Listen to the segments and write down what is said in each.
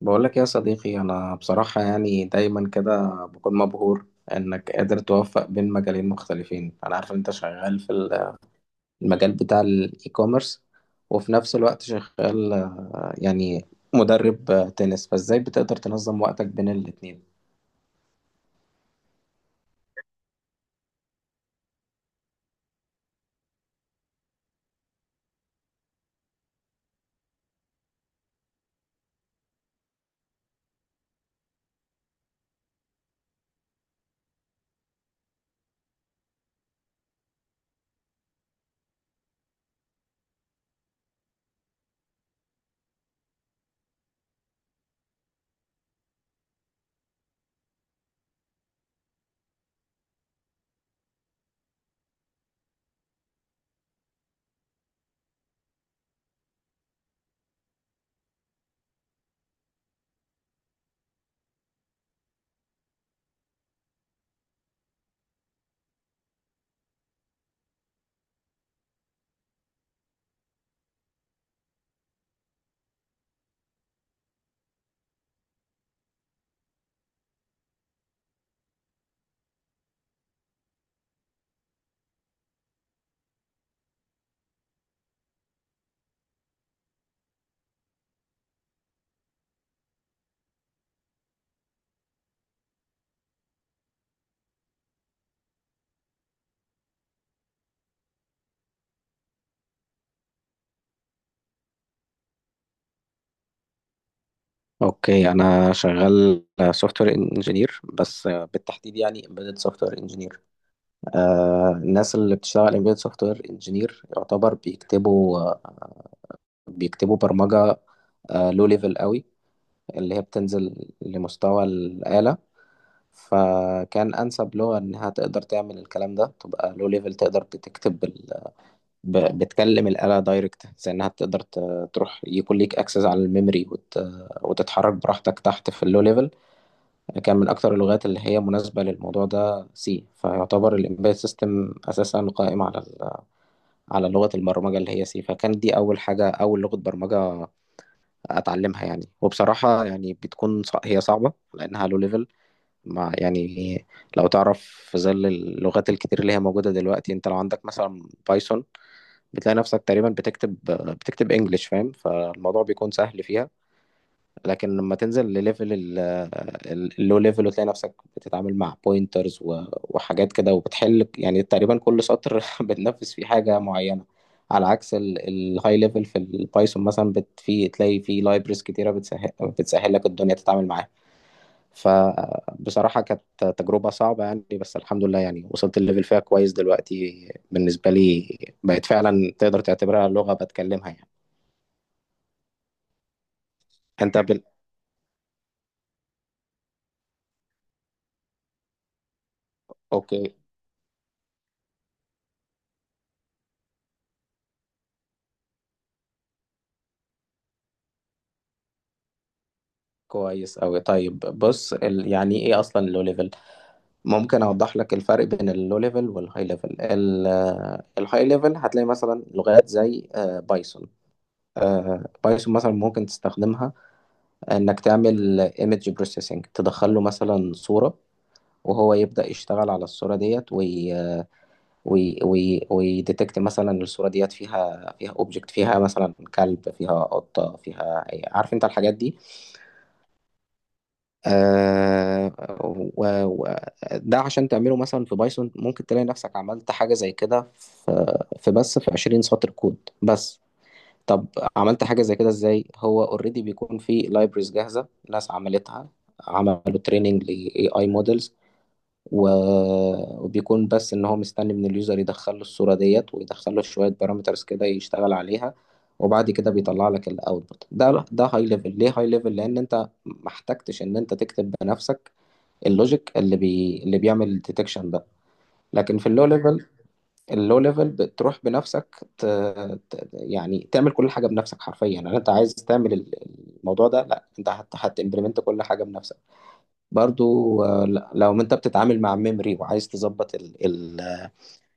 بقول لك يا صديقي، انا بصراحة يعني دايما كده بكون مبهور انك قادر توفق بين مجالين مختلفين. انا عارف إن انت شغال في المجال بتاع الاي كوميرس، وفي نفس الوقت شغال، يعني مدرب تنس، فازاي بتقدر تنظم وقتك بين الاتنين؟ اوكي، انا شغال سوفت وير انجينير، بس بالتحديد يعني امبيدد سوفت وير انجينير. الناس اللي بتشتغل امبيدد سوفت وير انجينير يعتبر بيكتبوا برمجة لو ليفل قوي، اللي هي بتنزل لمستوى الآلة. فكان أنسب لغة إنها تقدر تعمل الكلام ده تبقى لو ليفل، تقدر بتكلم الآلة دايركت، زي إنها تقدر تروح يكون ليك أكسس على الميموري، وتتحرك براحتك تحت في اللو ليفل. كان من أكتر اللغات اللي هي مناسبة للموضوع ده سي، فيعتبر الإمبيد سيستم أساسا قائم على لغة البرمجة اللي هي سي، فكانت دي أول حاجة، أول لغة برمجة اتعلمها يعني. وبصراحة يعني هي صعبة لانها لو ليفل، مع يعني لو تعرف في ظل اللغات الكتير اللي هي موجودة دلوقتي، انت لو عندك مثلا بايثون بتلاقي نفسك تقريبا بتكتب انجلش، فاهم، فالموضوع بيكون سهل فيها. لكن لما تنزل لليفل اللو ليفل، وتلاقي نفسك بتتعامل مع بوينترز وحاجات كده، وبتحل يعني تقريبا كل سطر بتنفذ فيه حاجة معينة، على عكس الهاي ليفل في البايثون مثلا بت في تلاقي في لايبرز كتيرة بتسهل لك الدنيا تتعامل معاها. فبصراحة كانت تجربة صعبة يعني، بس الحمد لله يعني وصلت الليفل فيها كويس دلوقتي بالنسبة لي، بقت فعلا تقدر تعتبرها لغة بتكلمها يعني. انت بال... اوكي. كويس أوي، طيب بص، يعني ايه اصلا اللو ليفل؟ ممكن اوضح لك الفرق بين اللو ليفل والهاي ليفل. الهاي ليفل هتلاقي مثلا لغات زي بايثون. بايثون مثلا ممكن تستخدمها انك تعمل ايمج بروسيسنج، تدخل له مثلا صورة وهو يبدأ يشتغل على الصورة ديت، وي... آه، وي... وي... ويديتكت مثلا الصورة ديت فيها اوبجكت، فيها مثلا كلب، فيها قطة، فيها، عارف انت الحاجات دي. آه و- و- ده عشان تعمله مثلا في بايثون ممكن تلاقي نفسك عملت حاجة زي كده في بس في 20 سطر كود بس. طب عملت حاجة زي كده ازاي؟ هو اوريدي بيكون في لايبرز جاهزة، ناس عملتها، عملوا تريننج لاي اي، وبيكون بس ان هو مستني من اليوزر يدخل له الصوره ديت، ويدخل له شويه بارامترز كده يشتغل عليها، وبعد كده بيطلع لك الاوتبوت ده. ده هاي ليفل. ليه هاي ليفل؟ لان انت ما احتجتش ان انت تكتب بنفسك اللوجيك اللي بيعمل الديتكشن ده. لكن في اللو ليفل، اللو ليفل بتروح بنفسك يعني تعمل كل حاجه بنفسك حرفيا، يعني انت عايز تعمل الموضوع ده، لا انت هتimplement كل حاجه بنفسك. برضو، لو انت بتتعامل مع ميموري وعايز تظبط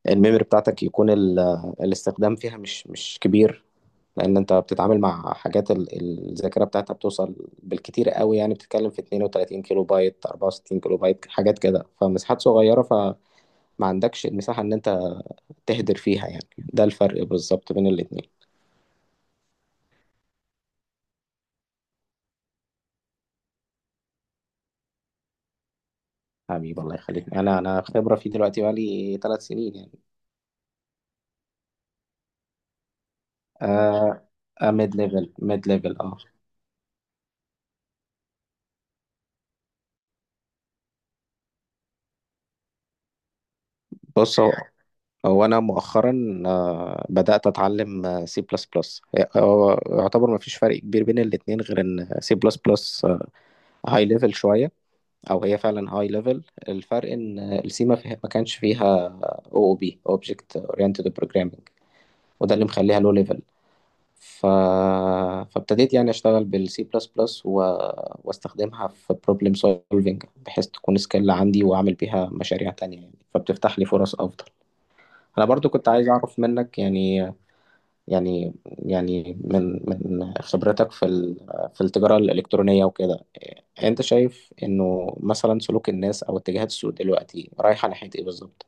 الميموري بتاعتك، يكون الاستخدام فيها مش كبير، لان انت بتتعامل مع حاجات الذاكره بتاعتها بتوصل بالكتير قوي يعني، بتتكلم في 32 كيلو بايت، 64 كيلو بايت، حاجات كده، فمساحات صغيره، فما عندكش المساحه ان انت تهدر فيها يعني. ده الفرق بالظبط بين الاتنين. حبيبي الله يخليك، انا خبره فيه دلوقتي بقالي 3 سنين يعني. آه، ميد ليفل، ميد ليفل، اه mid level، بص، هو انا مؤخرا بدات اتعلم سي بلس بلس. هو يعتبر ما فيش فرق كبير بين الاتنين، غير ان سي بلس بلس هاي ليفل شويه، او هي فعلا هاي ليفل. الفرق ان السي ما فيها ما كانش فيها او بي اوبجكت اورينتد بروجرامنج، وده اللي مخليها لو ليفل. ف... فابتديت يعني اشتغل بالسي بلس بلس، واستخدمها في بروبلم سولفنج بحيث تكون سكيل عندي واعمل بيها مشاريع تانية يعني، فبتفتح لي فرص افضل. انا برضو كنت عايز اعرف منك، يعني من خبرتك في في التجارة الإلكترونية وكده، أنت شايف إنه مثلا سلوك الناس أو اتجاهات السوق دلوقتي رايحة ناحية إيه بالظبط؟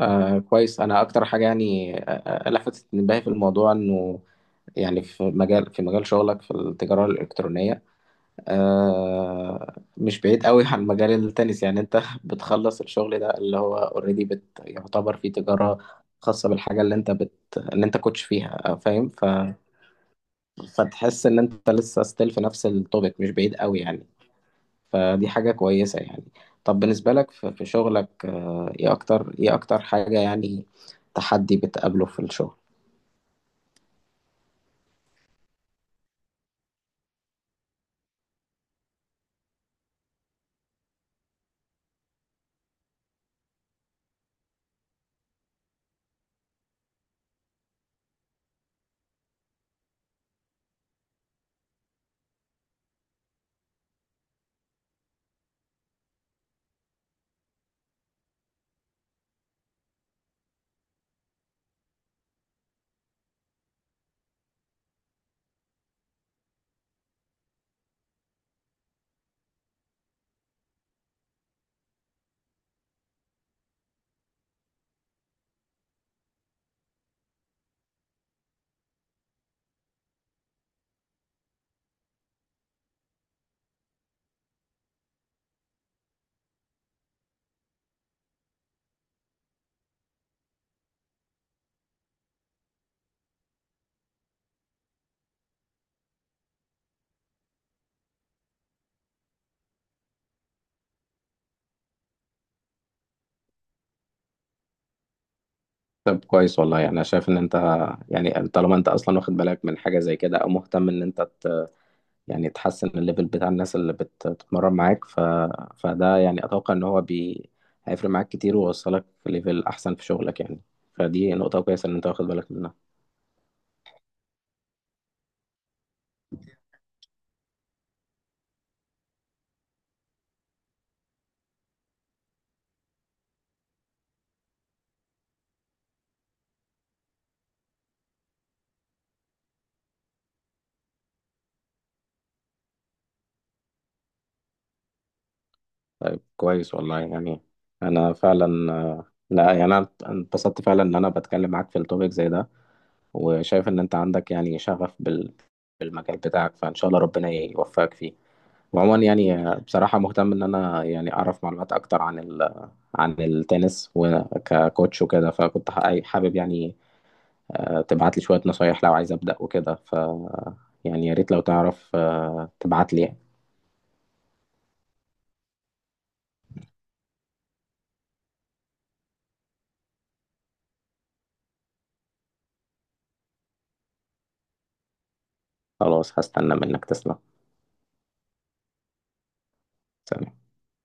كويس. أنا أكتر حاجة يعني لفتت انتباهي في الموضوع إنه، يعني في مجال شغلك في التجارة الإلكترونية، مش بعيد قوي عن مجال التنس، يعني أنت بتخلص الشغل ده اللي هو أوريدي يعتبر فيه تجارة خاصة بالحاجة اللي أنت اللي أنت كوتش فيها، فاهم، فتحس ان انت لسه ستيل في نفس التوبيك، مش بعيد قوي يعني، فدي حاجة كويسة يعني. طب بالنسبة لك في شغلك، ايه اكتر حاجة يعني تحدي بتقابله في الشغل؟ طب كويس والله يعني. انا شايف ان انت يعني طالما انت اصلا واخد بالك من حاجه زي كده، او مهتم ان انت يعني تحسن الليفل بتاع الناس اللي بتتمرن معاك، فده يعني اتوقع ان هو هيفرق معاك كتير ويوصلك ليفل احسن في شغلك يعني، فدي نقطه كويسه ان انت واخد بالك منها. طيب كويس والله يعني. انا فعلا لا يعني انا انبسطت فعلا ان انا بتكلم معاك في التوبيك زي ده، وشايف ان انت عندك يعني شغف بالمجال بتاعك، فان شاء الله ربنا يوفقك فيه. وعموما يعني، بصراحة مهتم ان انا يعني اعرف معلومات اكتر عن التنس وككوتش وكده، فكنت حابب يعني تبعت لي شوية نصايح لو عايز ابدأ وكده، يعني يا ريت لو تعرف تبعت لي. خلاص، هستنى منك، تسلم. سلام.